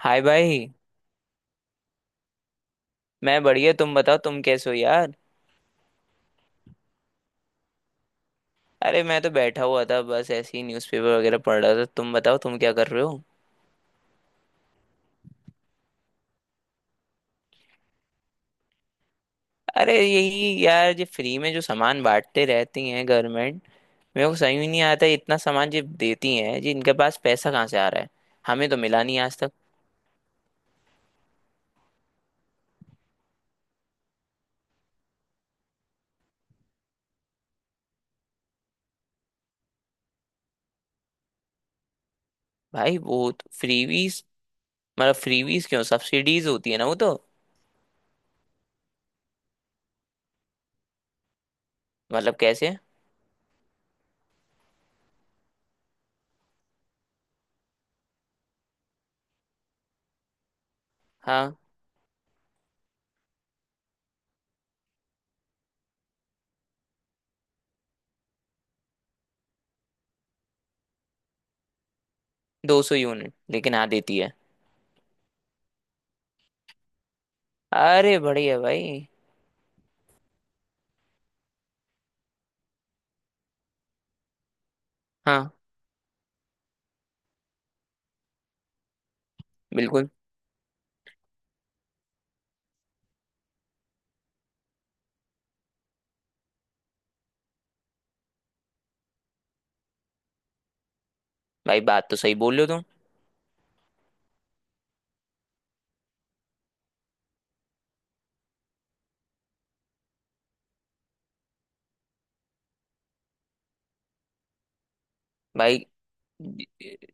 हाय भाई। मैं बढ़िया, तुम बताओ, तुम कैसे हो यार? अरे मैं तो बैठा हुआ था, बस ऐसे ही न्यूज़पेपर वगैरह पढ़ रहा था। तुम बताओ तुम क्या कर रहे हो? अरे यही यार, ये फ्री में जो सामान बांटते रहती हैं गवर्नमेंट, मेरे को समझ में नहीं आता इतना सामान जो देती हैं जी, इनके पास पैसा कहाँ से आ रहा है। हमें तो मिला नहीं आज तक। भाई वो तो फ्रीवीज, मतलब फ्रीवीज क्यों, सब्सिडीज होती है ना वो तो। मतलब कैसे? हाँ। 200 यूनिट लेकिन आ देती है। अरे बढ़िया भाई। हाँ। बिल्कुल। भाई बात तो सही बोल रहे हो तुम। भाई। हाँ।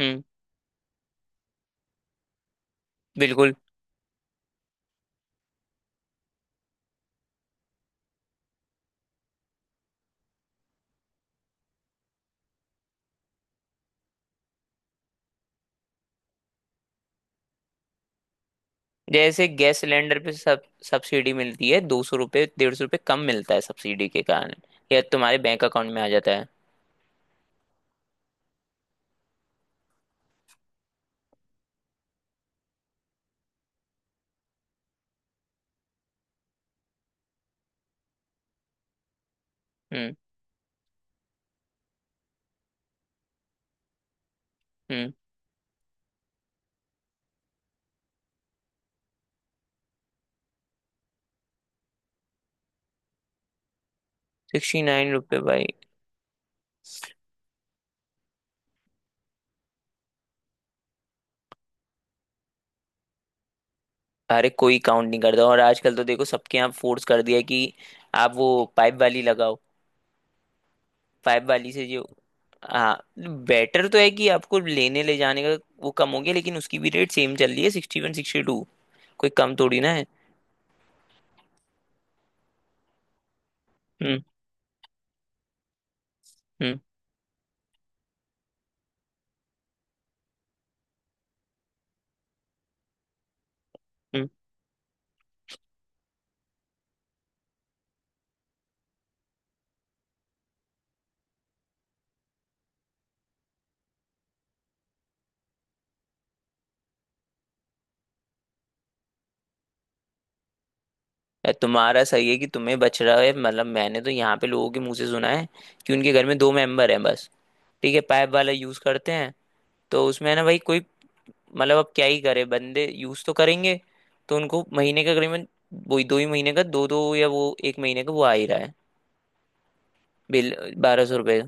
हम्म। बिल्कुल। जैसे गैस सिलेंडर पे सब सब्सिडी मिलती है, 200 रुपये 150 रुपये कम मिलता है सब्सिडी के कारण। या तुम्हारे बैंक अकाउंट में आ जाता है। हम्म। हम्म। 69 रुपये भाई? अरे कोई काउंट नहीं करता। और आजकल तो देखो सबके यहाँ फोर्स कर दिया है कि आप वो पाइप वाली लगाओ। पाइप वाली से जो, हाँ, बेटर तो है कि आपको लेने ले जाने का वो कम हो गया, लेकिन उसकी भी रेट सेम चल रही है 61, 62। कोई कम थोड़ी ना है। हम्म। हम्म। हम्म। यार तुम्हारा सही है कि तुम्हें बच रहा है, मतलब मैंने तो यहाँ पे लोगों के मुंह से सुना है कि उनके घर में दो मेंबर हैं बस। ठीक है, पाइप वाला यूज करते हैं। तो उसमें है ना भाई कोई, मतलब अब क्या ही करे बंदे, यूज तो करेंगे। तो उनको महीने का करीबन वही, दो ही महीने का, दो दो, या वो एक महीने का वो आ ही रहा है। बिल। 1200 रुपये।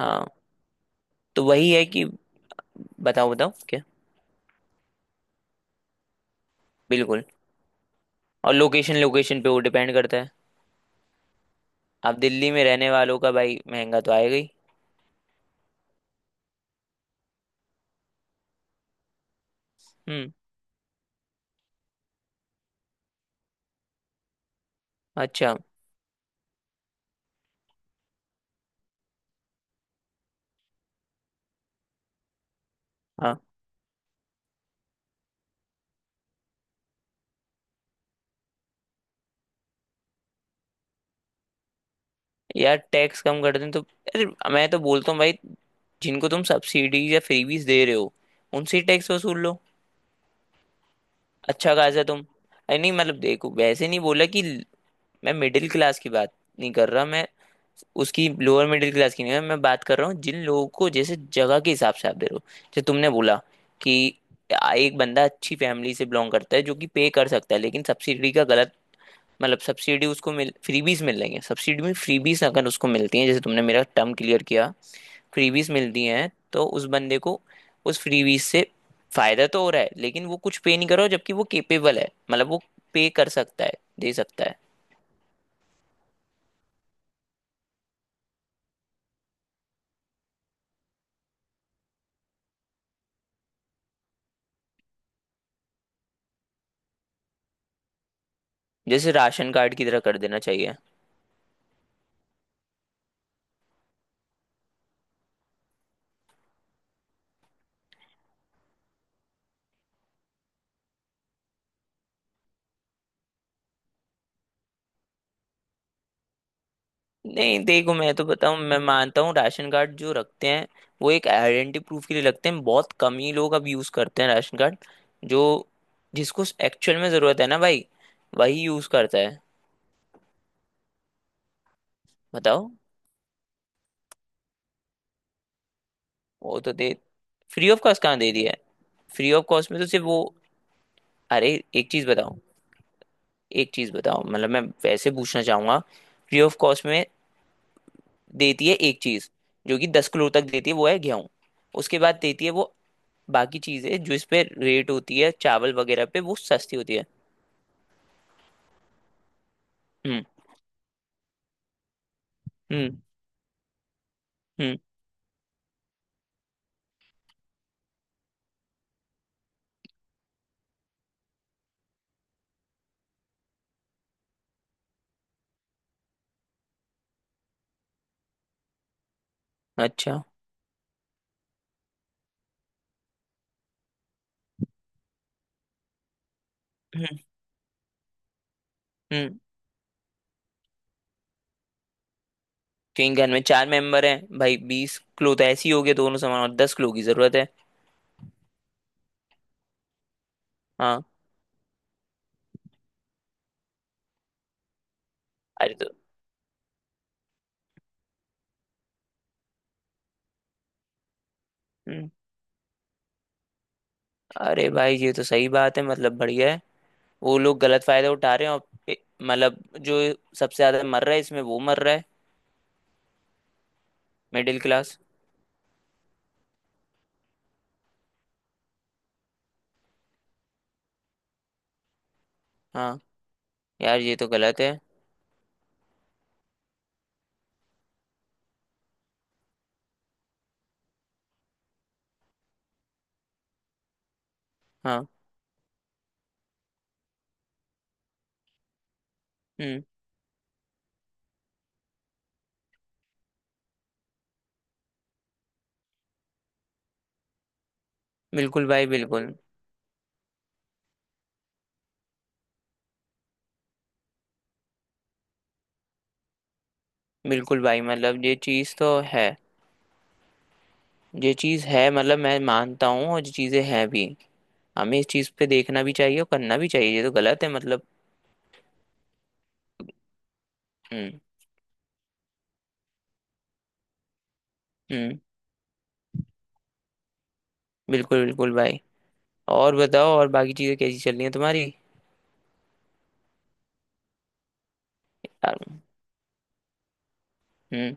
हाँ। तो वही है कि, बताओ बताओ क्या। बिल्कुल। और लोकेशन लोकेशन पे वो डिपेंड करता है। आप दिल्ली में रहने वालों का भाई महंगा तो आएगा ही। हम्म। अच्छा। हाँ। यार टैक्स कम कर दें तो, अरे, मैं तो बोलता हूँ भाई, जिनको तुम सब्सिडीज या फ्रीबीज दे रहे हो उनसे ही टैक्स वसूल लो। अच्छा खासा तुम, अरे नहीं मतलब देखो वैसे नहीं बोला कि मैं मिडिल क्लास की बात नहीं कर रहा। मैं उसकी लोअर मिडिल क्लास की नहीं है, मैं बात कर रहा हूँ जिन लोगों को जैसे जगह के हिसाब से आप दे रहे हो। जैसे तुमने बोला कि एक बंदा अच्छी फैमिली से बिलोंग करता है जो कि पे कर सकता है, लेकिन सब्सिडी का गलत मतलब, सब्सिडी उसको मिल फ्रीबीज मिल रही है। सब्सिडी में फ्रीबीज अगर उसको मिलती है, जैसे तुमने मेरा टर्म क्लियर किया, फ्रीबीज मिलती हैं तो उस बंदे को उस फ्रीबीज से फायदा तो हो रहा है, लेकिन वो कुछ पे नहीं कर रहा, जबकि वो केपेबल है, मतलब वो पे कर सकता है, दे सकता है। जैसे राशन कार्ड की तरह कर देना चाहिए। नहीं देखो मैं तो बताऊं, मैं मानता हूँ राशन कार्ड जो रखते हैं वो एक आइडेंटिटी प्रूफ के लिए रखते हैं। बहुत कम ही लोग अब यूज करते हैं राशन कार्ड। जो जिसको एक्चुअल में जरूरत है ना भाई, वही यूज करता है। बताओ। वो तो दे, फ्री ऑफ कॉस्ट कहाँ दे रही है? फ्री ऑफ कॉस्ट में तो सिर्फ वो, अरे एक चीज बताओ। एक चीज बताओ, मतलब मैं वैसे पूछना चाहूंगा, फ्री ऑफ कॉस्ट में देती है एक चीज जो कि 10 किलो तक देती है वो है गेहूं। उसके बाद देती है वो बाकी चीजें जो इस पे रेट होती है, चावल वगैरह पे, वो सस्ती होती है। हम्म। हम्म। हम्म। अच्छा। हम्म। हम्म। क्योंकि घर में चार मेंबर हैं भाई, 20 किलो तो ऐसे ही हो गए दोनों सामान और 10 किलो की जरूरत है। हाँ। अरे तो, हम्म, अरे भाई ये तो सही बात है, मतलब बढ़िया है। वो लोग गलत फायदा उठा रहे हैं और ए- मतलब जो सबसे ज्यादा मर रहा है इसमें वो मर रहा है, मिडिल क्लास। हाँ यार ये तो गलत है। हाँ। हम्म। बिल्कुल भाई बिल्कुल। बिल्कुल भाई मतलब ये चीज़ तो है। ये चीज़ है मतलब मैं मानता हूँ, और ये चीज़ें हैं भी। हमें इस चीज़ पे देखना भी चाहिए और करना भी चाहिए, ये तो गलत है मतलब। हम्म। हम्म। बिल्कुल बिल्कुल भाई। और बताओ, और बाकी चीज़ें कैसी चल रही हैं तुम्हारी? यार। हम्म।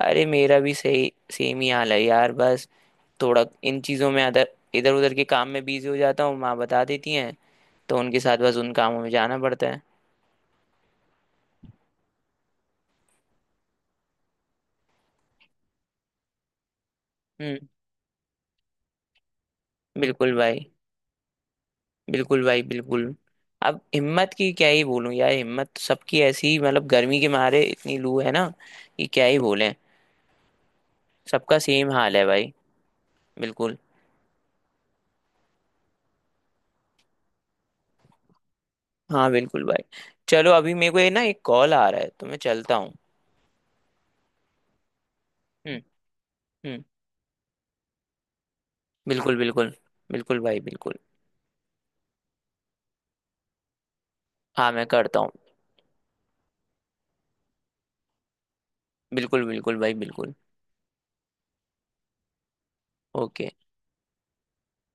अरे मेरा भी सही सेम ही हाल है यार, बस थोड़ा इन चीज़ों में अदर इधर उधर के काम में बिजी हो जाता हूँ, माँ बता देती हैं तो उनके साथ बस उन कामों में जाना पड़ता है। हम्म। बिल्कुल भाई। बिल्कुल भाई बिल्कुल। अब हिम्मत की क्या ही बोलूं यार, हिम्मत तो सबकी ऐसी ही, मतलब गर्मी के मारे इतनी लू है ना कि क्या ही बोलें। सबका सेम हाल है भाई। बिल्कुल। हाँ बिल्कुल भाई। चलो अभी मेरे को ये ना एक कॉल आ रहा है तो मैं चलता हूँ। हम्म। हम्म। बिल्कुल बिल्कुल। बिल्कुल भाई बिल्कुल। हाँ मैं करता हूँ। बिल्कुल बिल्कुल भाई बिल्कुल। ओके।